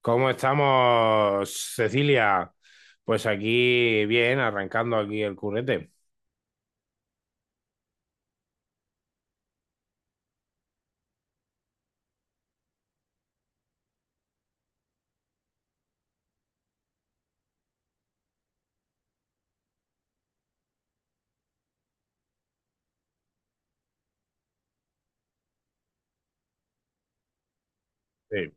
¿Cómo estamos, Cecilia? Pues aquí, bien, arrancando aquí el currete. Sí,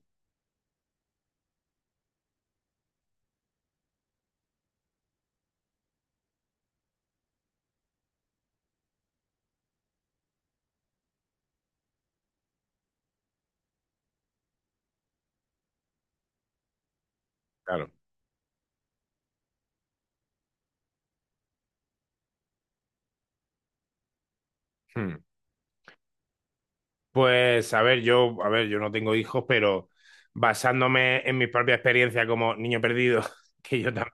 claro. Hmm. Pues a ver, yo no tengo hijos, pero basándome en mi propia experiencia como niño perdido, que yo también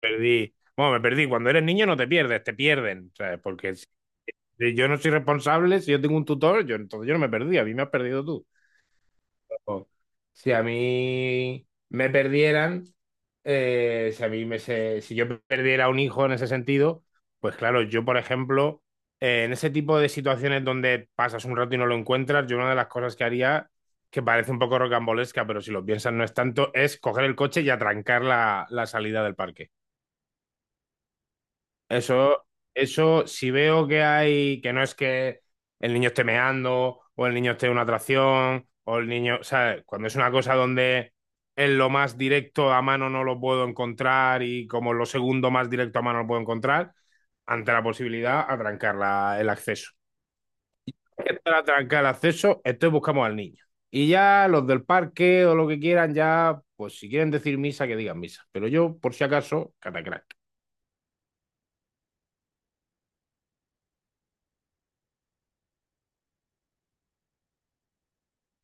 perdí. Bueno, me perdí. Cuando eres niño no te pierdes, te pierden, ¿sabes? Porque si yo no soy responsable, si yo tengo un tutor, yo entonces yo no me perdí, a mí me has perdido tú. Ojo, si a mí me perdieran, si a mí si yo perdiera un hijo en ese sentido, pues claro, yo, por ejemplo, en ese tipo de situaciones donde pasas un rato y no lo encuentras, yo una de las cosas que haría, que parece un poco rocambolesca, pero si lo piensas no es tanto, es coger el coche y atrancar la salida del parque. Eso, eso, si veo que hay, que no es que el niño esté meando, o el niño esté en una atracción, o el niño, ¿sabes? Cuando es una cosa donde es lo más directo a mano no lo puedo encontrar y como lo segundo más directo a mano lo puedo encontrar, ante la posibilidad, atrancar el acceso. Que para atrancar el acceso, entonces buscamos al niño. Y ya los del parque o lo que quieran, ya, pues si quieren decir misa, que digan misa. Pero yo, por si acaso, catacrán.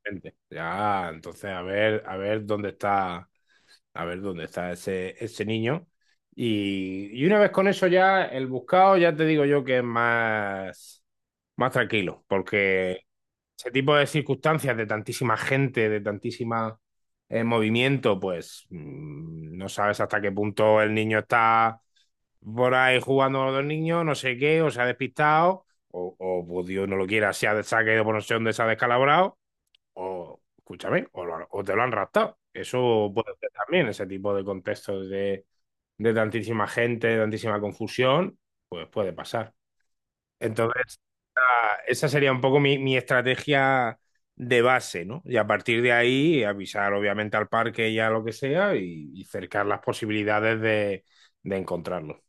Gente. Ya, entonces a ver dónde está, a ver dónde está ese niño. Y una vez con eso ya, el buscado, ya te digo yo que es más, más tranquilo, porque ese tipo de circunstancias de tantísima gente, de tantísima movimiento, pues no sabes hasta qué punto el niño está por ahí jugando con los niños, no sé qué, o se ha despistado, o pues Dios no lo quiera, se ha caído por no sé dónde, se ha descalabrado o, escúchame, o, o te lo han raptado. Eso puede ser también, ese tipo de contextos de tantísima gente, de tantísima confusión, pues puede pasar. Entonces, esa sería un poco mi, mi estrategia de base, ¿no? Y a partir de ahí, avisar obviamente al parque y a lo que sea y cercar las posibilidades de encontrarlo.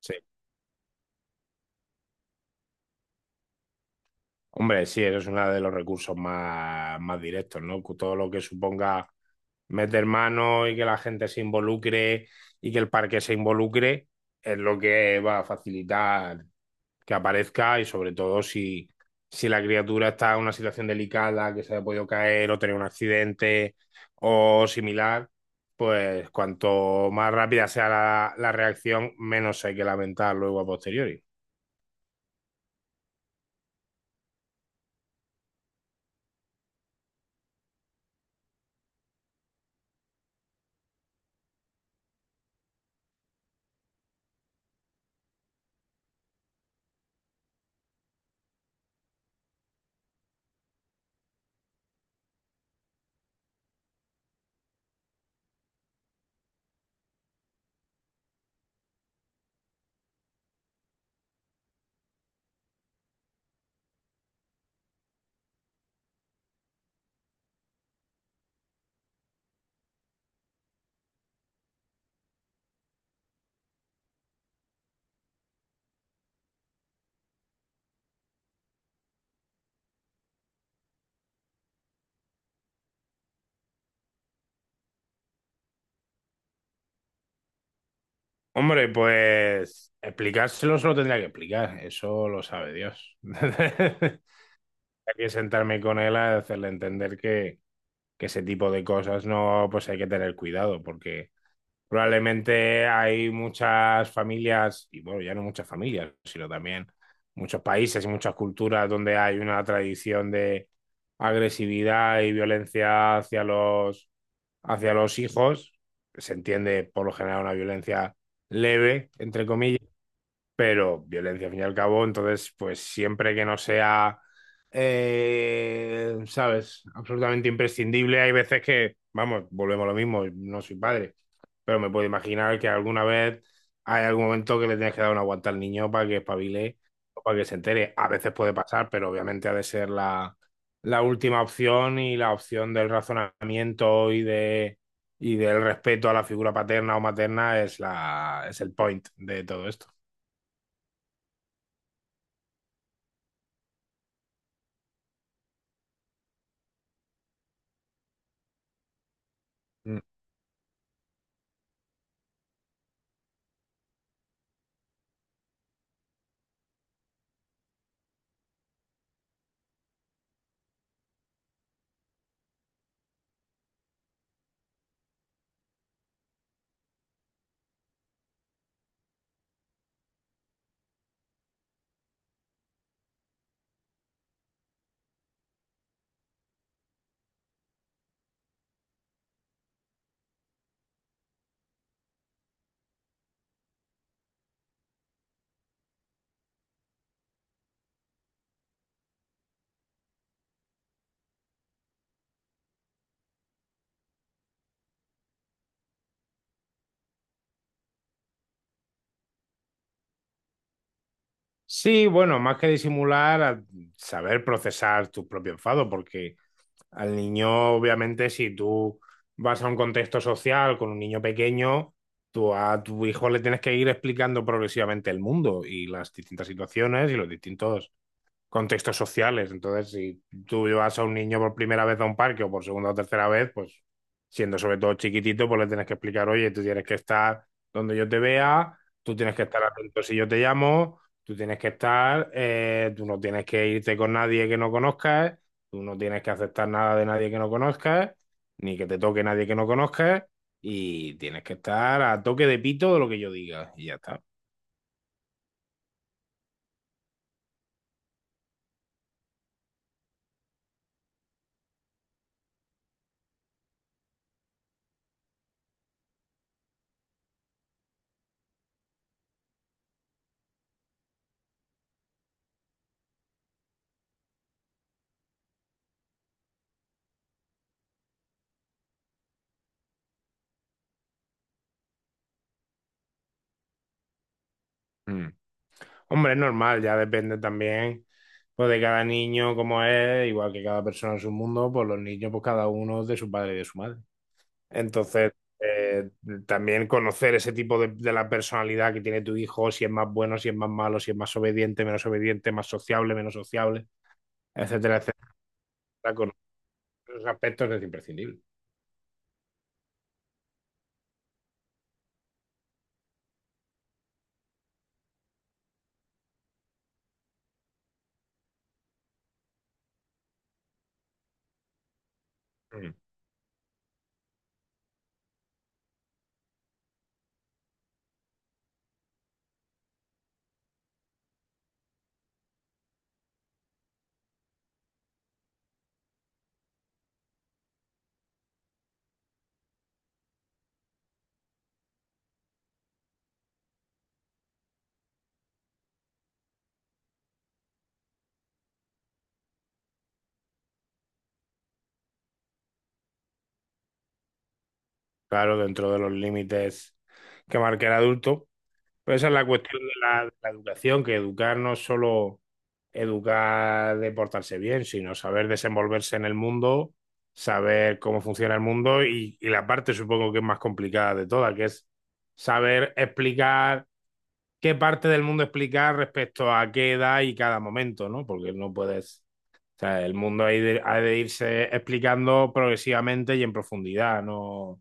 Sí. Hombre, sí, eso es uno de los recursos más, más directos, ¿no? Todo lo que suponga meter mano y que la gente se involucre y que el parque se involucre es lo que va a facilitar que aparezca y sobre todo si, si la criatura está en una situación delicada, que se haya podido caer o tener un accidente o similar, pues cuanto más rápida sea la, la reacción, menos hay que lamentar luego a posteriori. Hombre, pues explicárselo se lo tendría que explicar, eso lo sabe Dios. Hay que sentarme con él a hacerle entender que ese tipo de cosas no, pues hay que tener cuidado, porque probablemente hay muchas familias, y bueno, ya no muchas familias, sino también muchos países y muchas culturas donde hay una tradición de agresividad y violencia hacia los hijos. Se entiende por lo general una violencia leve, entre comillas, pero violencia al fin y al cabo, entonces, pues siempre que no sea, ¿sabes? Absolutamente imprescindible, hay veces que, vamos, volvemos a lo mismo, no soy padre, pero me puedo imaginar que alguna vez hay algún momento que le tienes que dar una aguanta al niño para que espabile o para que se entere. A veces puede pasar, pero obviamente ha de ser la, la última opción y la opción del razonamiento y de... Y del respeto a la figura paterna o materna es, la, es el point de todo esto. Sí, bueno, más que disimular, a saber procesar tu propio enfado, porque al niño, obviamente, si tú vas a un contexto social con un niño pequeño, tú a tu hijo le tienes que ir explicando progresivamente el mundo y las distintas situaciones y los distintos contextos sociales. Entonces, si tú llevas a un niño por primera vez a un parque o por segunda o tercera vez, pues siendo sobre todo chiquitito, pues le tienes que explicar, oye, tú tienes que estar donde yo te vea, tú tienes que estar atento si yo te llamo, tú tienes que estar, tú no tienes que irte con nadie que no conozcas, tú no tienes que aceptar nada de nadie que no conozcas, ni que te toque nadie que no conozcas, y tienes que estar a toque de pito de lo que yo diga, y ya está. Mm. Hombre, es normal, ya depende también pues, de cada niño como es, igual que cada persona en su mundo, pues los niños, pues cada uno es de su padre y de su madre. Entonces, eh, también conocer ese tipo de la personalidad que tiene tu hijo, si es más bueno, si es más malo, si es más obediente, menos obediente, más sociable, menos sociable, etcétera, etcétera, conocer esos aspectos es imprescindible. Mm. Claro, dentro de los límites que marca el adulto. Pero esa es la cuestión de la educación, que educar no es solo educar de portarse bien, sino saber desenvolverse en el mundo, saber cómo funciona el mundo y la parte supongo que es más complicada de todas, que es saber explicar qué parte del mundo explicar respecto a qué edad y cada momento, ¿no? Porque no puedes... O sea, el mundo ha de irse explicando progresivamente y en profundidad, no,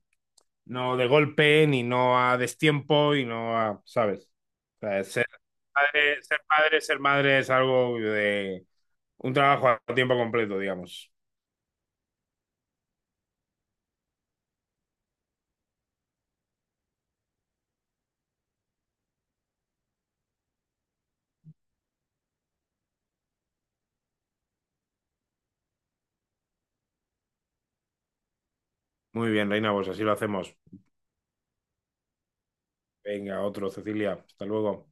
no de golpe, ni no a destiempo, y no a, ¿sabes? O sea, ser, padre, ser padre, ser madre es algo de, un trabajo a tiempo completo, digamos. Muy bien, Reina, pues así lo hacemos. Venga, otro, Cecilia. Hasta luego.